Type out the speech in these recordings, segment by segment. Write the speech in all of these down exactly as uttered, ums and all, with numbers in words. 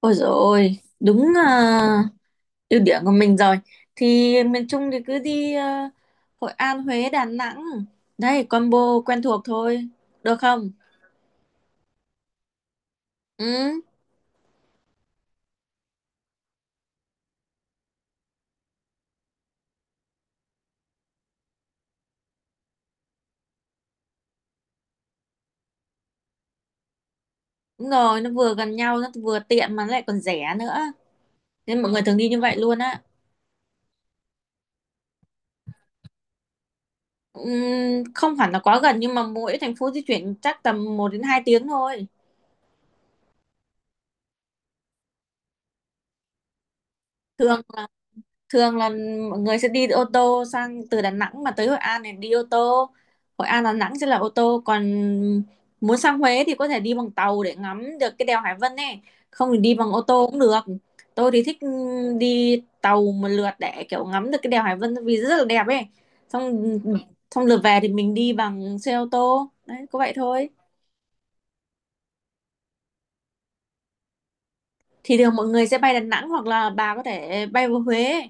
Ôi dồi ôi, đúng à, ưu điểm của mình rồi. Thì miền Trung thì cứ đi à, Hội An, Huế, Đà Nẵng. Đấy, combo quen thuộc thôi. Được không? Ừ, đúng rồi, nó vừa gần nhau, nó vừa tiện mà nó lại còn rẻ nữa. Nên mọi người thường đi như vậy luôn á. Ừm, không hẳn là quá gần nhưng mà mỗi thành phố di chuyển chắc tầm một đến hai tiếng thôi. Thường thường là mọi người sẽ đi ô tô sang, từ Đà Nẵng mà tới Hội An thì đi ô tô, Hội An Đà Nẵng sẽ là ô tô, còn muốn sang Huế thì có thể đi bằng tàu để ngắm được cái đèo Hải Vân này, không thì đi bằng ô tô cũng được. Tôi thì thích đi tàu một lượt để kiểu ngắm được cái đèo Hải Vân vì rất là đẹp ấy. Xong xong lượt về thì mình đi bằng xe ô tô, đấy có vậy thôi. Thì thường mọi người sẽ bay Đà Nẵng hoặc là bà có thể bay vào Huế,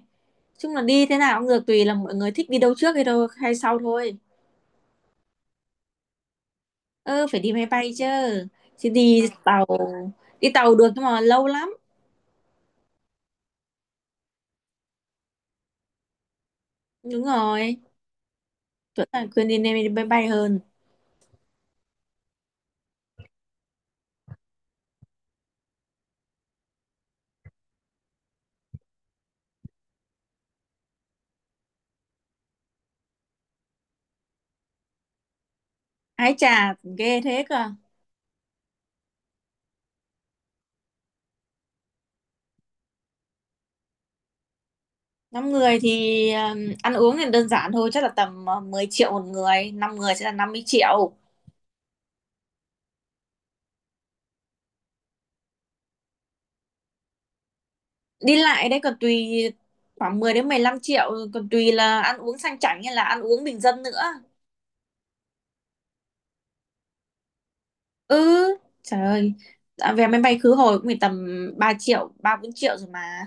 chung là đi thế nào cũng được, tùy là mọi người thích đi đâu trước hay đâu hay sau thôi. Ơ phải đi máy bay chứ, chứ đi tàu đi tàu được nhưng mà lâu lắm. Đúng rồi, chuẩn là khuyên đi nên đi máy bay hơn. Ái chà ghê thế cơ. Năm người thì ừm, ăn uống thì đơn giản thôi, chắc là tầm ờ, mười triệu một người, năm người sẽ là năm mươi triệu. Đi lại đấy còn tùy, khoảng mười đến mười lăm triệu, còn tùy là ăn uống sang chảnh hay là ăn uống bình dân nữa. Ừ, trời ơi. À, vé máy bay khứ hồi cũng phải tầm ba triệu, ba bốn triệu rồi mà.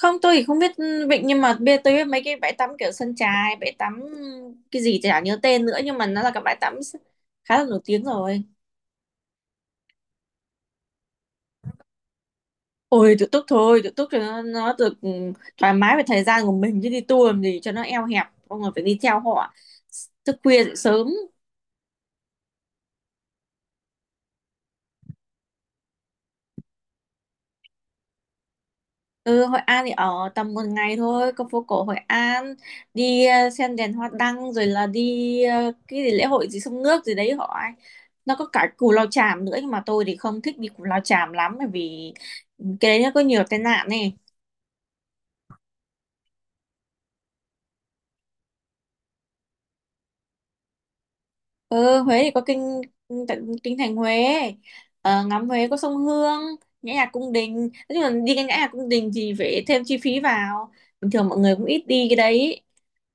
Không, tôi thì không biết vịnh, nhưng mà bây giờ tôi biết mấy cái bãi tắm kiểu sân chài, bãi tắm cái gì chả nhớ tên nữa nhưng mà nó là cái bãi tắm khá là nổi tiếng rồi. Ôi tự túc thôi, tự túc cho nó, nó được ừ, thoải mái về thời gian của mình, chứ đi tour làm gì cho nó eo hẹp, mọi người phải đi theo họ, thức khuya dậy sớm. Ừ, Hội An thì ở tầm một ngày thôi, có phố cổ Hội An, đi ờ, xem đèn hoa đăng, rồi là đi ờ, cái gì lễ hội gì sông nước gì đấy họ ấy. Nó có cả Cù Lao Chàm nữa, nhưng mà tôi thì không thích đi Cù Lao Chàm lắm, bởi vì cái đấy nó có nhiều tai nạn này. Ừ, Huế thì có kinh tận- kinh thành Huế, ờ, ngắm Huế có sông Hương, nhã nhạc cung đình. Nói chung là đi cái nhã nhạc cung đình thì phải thêm chi phí vào, bình thường mọi người cũng ít đi cái đấy.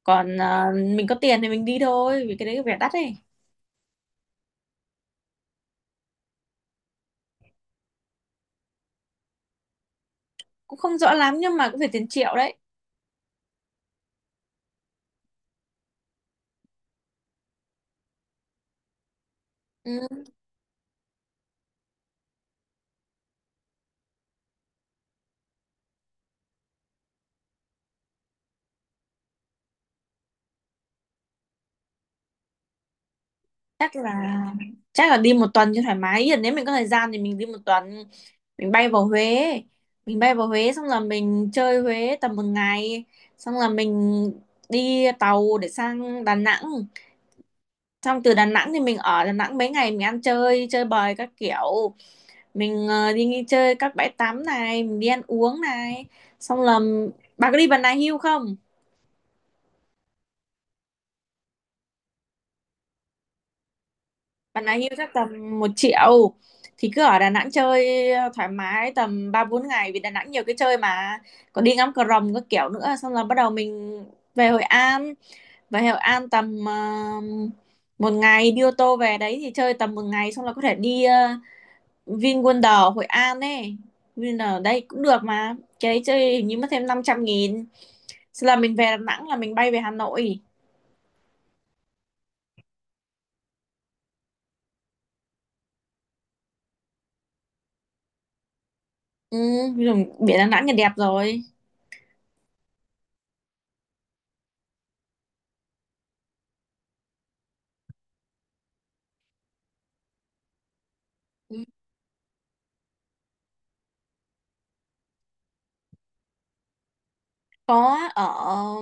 Còn ờ, mình có tiền thì mình đi thôi, vì cái đấy vẻ đắt ấy. Cũng không rõ lắm nhưng mà cũng phải tiền triệu đấy. Ừ, chắc là chắc là đi một tuần cho thoải mái. Ý là nếu mình có thời gian thì mình đi một tuần, mình bay vào Huế mình bay vào Huế xong là mình chơi Huế tầm một ngày, xong là mình đi tàu để sang Đà Nẵng. Xong từ Đà Nẵng thì mình ở Đà Nẵng mấy ngày, mình ăn chơi chơi bời các kiểu, mình ờ, đi nghỉ chơi các bãi tắm này, mình đi ăn uống này. Xong là bà có đi Bà Nà Hills không? Bạn ấy hưu chắc tầm một triệu. Thì cứ ở Đà Nẵng chơi ờ, thoải mái tầm ba bốn ngày vì Đà Nẵng nhiều cái chơi mà, còn đi ngắm cờ rồng các kiểu nữa. Xong là bắt đầu mình về Hội An về Hội An tầm ờ, một ngày, đi ô tô về đấy thì chơi tầm một ngày, xong là có thể đi uh, VinWonder Hội An ấy, VinWonder đây cũng được, mà cái đấy chơi hình như mất thêm năm trăm nghìn. Xong là mình về Đà Nẵng là mình bay về Hà Nội. Ừ, rồi biển Đà Nẵng là đẹp rồi. Ừ. Có, ở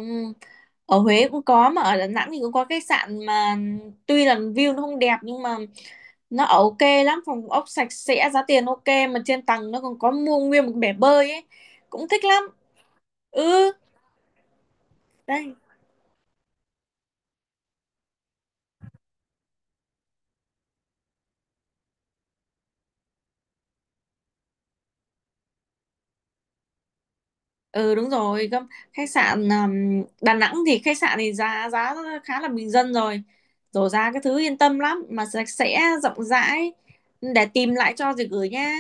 ở Huế cũng có mà ở Đà Nẵng thì cũng có khách sạn mà, tuy là view nó không đẹp nhưng mà nó ở ok lắm, phòng ốc sạch sẽ, giá tiền ok, mà trên tầng nó còn có mua nguyên một bể bơi ấy, cũng thích lắm. Ừ, đây. Ừ đúng rồi, gâm- khách sạn um, Đà Nẵng thì khách sạn thì giá giá khá là bình dân rồi, rồi giá cái thứ yên tâm lắm, mà sạch sẽ rộng rãi, để tìm lại cho rồi gửi nha.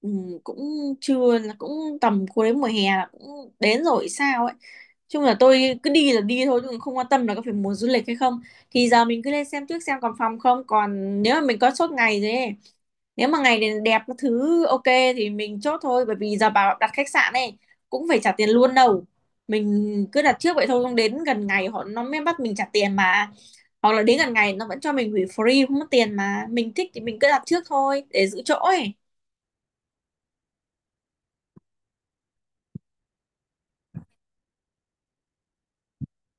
Ừ, cũng chưa, là cũng tầm cuối đến mùa hè là cũng đến rồi sao ấy, chung là tôi cứ đi là đi thôi chứ không quan tâm là có phải mùa du lịch hay không. Thì giờ mình cứ lên xem trước xem còn phòng không, còn nếu mà mình có chốt ngày rồi ấy, nếu mà ngày này đẹp các thứ ok thì mình chốt thôi, bởi vì giờ bảo đặt khách sạn này cũng phải trả tiền luôn đâu, mình cứ đặt trước vậy thôi, không đến gần ngày họ nó mới bắt mình trả tiền mà, hoặc là đến gần ngày nó vẫn cho mình hủy free không mất tiền, mà mình thích thì mình cứ đặt trước thôi để giữ chỗ ấy.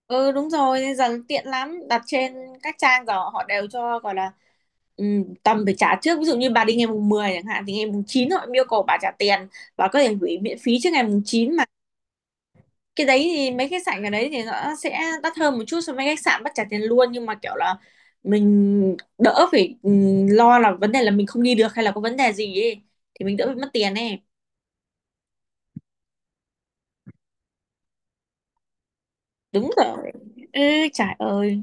Ừ đúng rồi, bây giờ tiện lắm, đặt trên các trang rồi họ đều cho gọi là ừm, tầm phải trả trước, ví dụ như bà đi ngày mùng mười chẳng hạn thì ngày mùng chín họ yêu cầu bà trả tiền, bà có thể hủy miễn phí trước ngày mùng chín mà. Cái đấy thì mấy khách sạn ở đấy thì nó sẽ đắt hơn một chút so với khách sạn bắt trả tiền luôn, nhưng mà kiểu là mình đỡ phải ừm, lo là vấn đề là mình không đi được hay là có vấn đề gì ấy, thì mình đỡ bị mất tiền ấy. Đúng rồi. Ừ, trời ơi.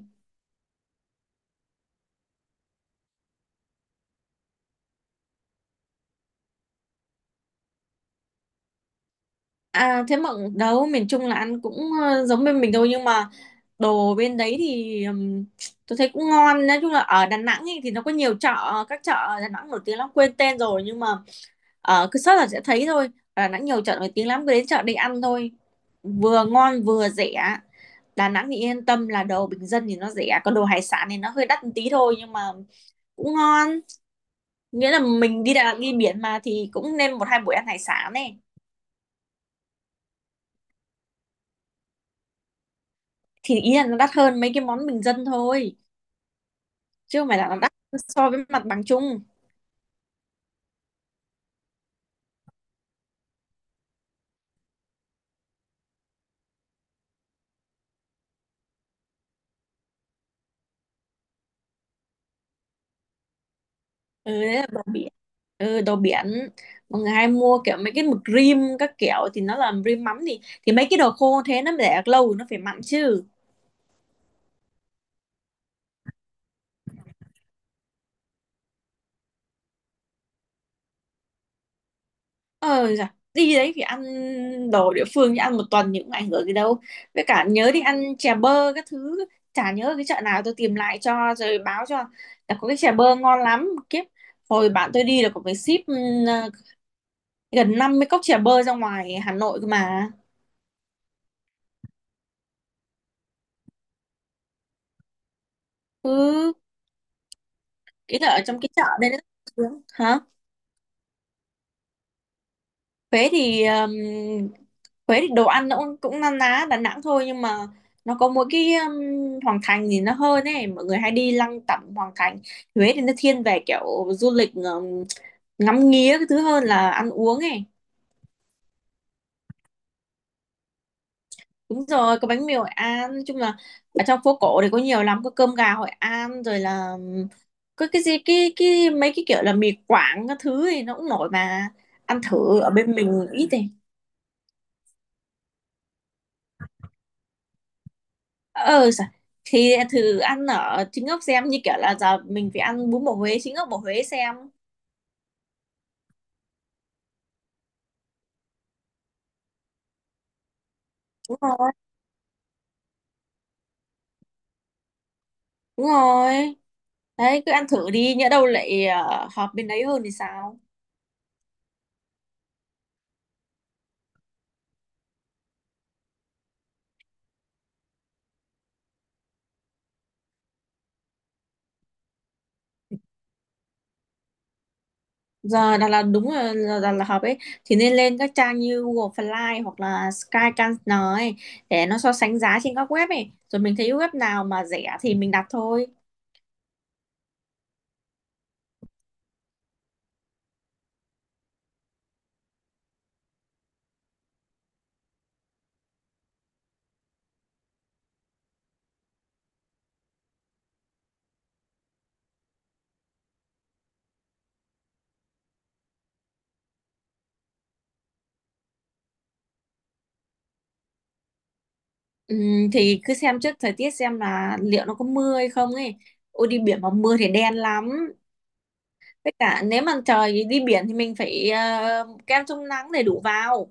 À thế mà đâu, miền Trung là ăn cũng ờ, giống bên mình thôi, nhưng mà đồ bên đấy thì ừm, tôi thấy cũng ngon. Nói chung là ở Đà Nẵng ấy, thì nó có nhiều chợ, các chợ ở Đà Nẵng nổi tiếng lắm quên tên rồi, nhưng mà ờ, cứ search là sẽ thấy thôi, ở Đà Nẵng nhiều chợ nổi tiếng lắm, cứ đến chợ đi ăn thôi, vừa ngon vừa rẻ. Đà Nẵng thì yên tâm là đồ bình dân thì nó rẻ, còn đồ hải sản thì nó hơi đắt một tí thôi nhưng mà cũng ngon. Nghĩa là mình đi Đà Nẵng đi biển mà thì cũng nên một hai buổi ăn hải sản. Thì ý là nó đắt hơn mấy cái món bình dân thôi, chứ không phải là nó đắt so với mặt bằng chung. Ừ đấy là đồ biển, ừ đồ biển, mọi người hay mua kiểu mấy cái mực rim các kiểu thì nó là rim mắm, thì thì mấy cái đồ khô thế nó để được lâu nó phải mặn chứ. ờ dạ, đi đấy thì ăn đồ địa phương chứ ăn một tuần thì cũng ảnh hưởng gì đâu. Với cả nhớ đi ăn chè bơ các thứ, chả nhớ cái chợ nào, tôi tìm lại cho rồi báo cho, là có cái chè bơ ngon lắm kiếp. Hồi bạn tôi đi là có phải ship ừ, gần năm mươi cốc chè bơ ra ngoài Hà Nội cơ mà. Cứ ý là ở trong cái chợ đây đấy. Hả? Huế thì um, Huế thì đồ ăn nó cũng cũng na ná Đà Nẵng thôi, nhưng mà nó có mỗi cái um, Hoàng Thành thì nó hơn ấy, mọi người hay đi lăng tẩm Hoàng Thành. Huế thì nó thiên về kiểu du lịch um, ngắm nghía cái thứ hơn là ăn uống ấy. Đúng rồi, có bánh mì Hội An, nói chung là ở trong phố cổ thì có nhiều lắm, có cơm gà Hội An rồi là ừm, có cái gì cái cái mấy cái kiểu là mì Quảng các thứ thì nó cũng nổi mà. Ăn thử ở bên mình ít thì. Ờ sao? Thì thử ăn ở chính gốc xem, như kiểu là giờ mình phải ăn bún bò Huế chính gốc bò Huế xem. Đúng rồi. Đúng rồi. Đấy cứ ăn thử đi, nhỡ đâu lại ờ, hợp bên đấy hơn thì sao? Giờ Đà Lạt đúng là là Đà Lạt hợp ấy, thì nên lên các trang như Google Fly hoặc là Skyscanner ấy, để nó so sánh giá trên các web ấy, rồi mình thấy web nào mà rẻ thì mình đặt thôi. Ừm, thì cứ xem trước thời tiết xem là liệu nó có mưa hay không ấy, ôi đi biển mà mưa thì đen lắm. Tất cả nếu mà trời đi biển thì mình phải ờ, kem chống nắng đầy đủ vào,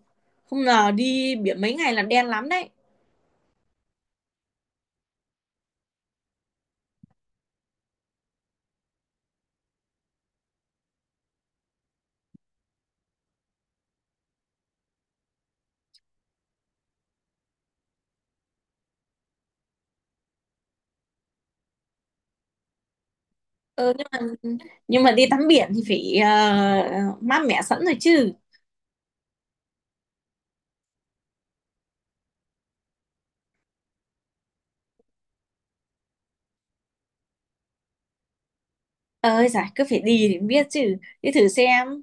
không ngờ đi biển mấy ngày là đen lắm đấy. Ừ, nhưng mà nhưng mà đi tắm biển thì phải ờ, mát mẻ sẵn rồi chứ. Ơi giải cứ phải đi thì mới biết chứ, đi thử xem.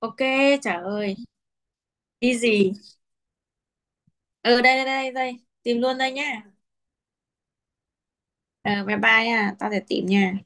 Ok. Trời ơi. Đi gì? ờ Đây đây đây đây. Tìm luôn đây nhá. Ờ bye bye nha, tao sẽ tìm nha.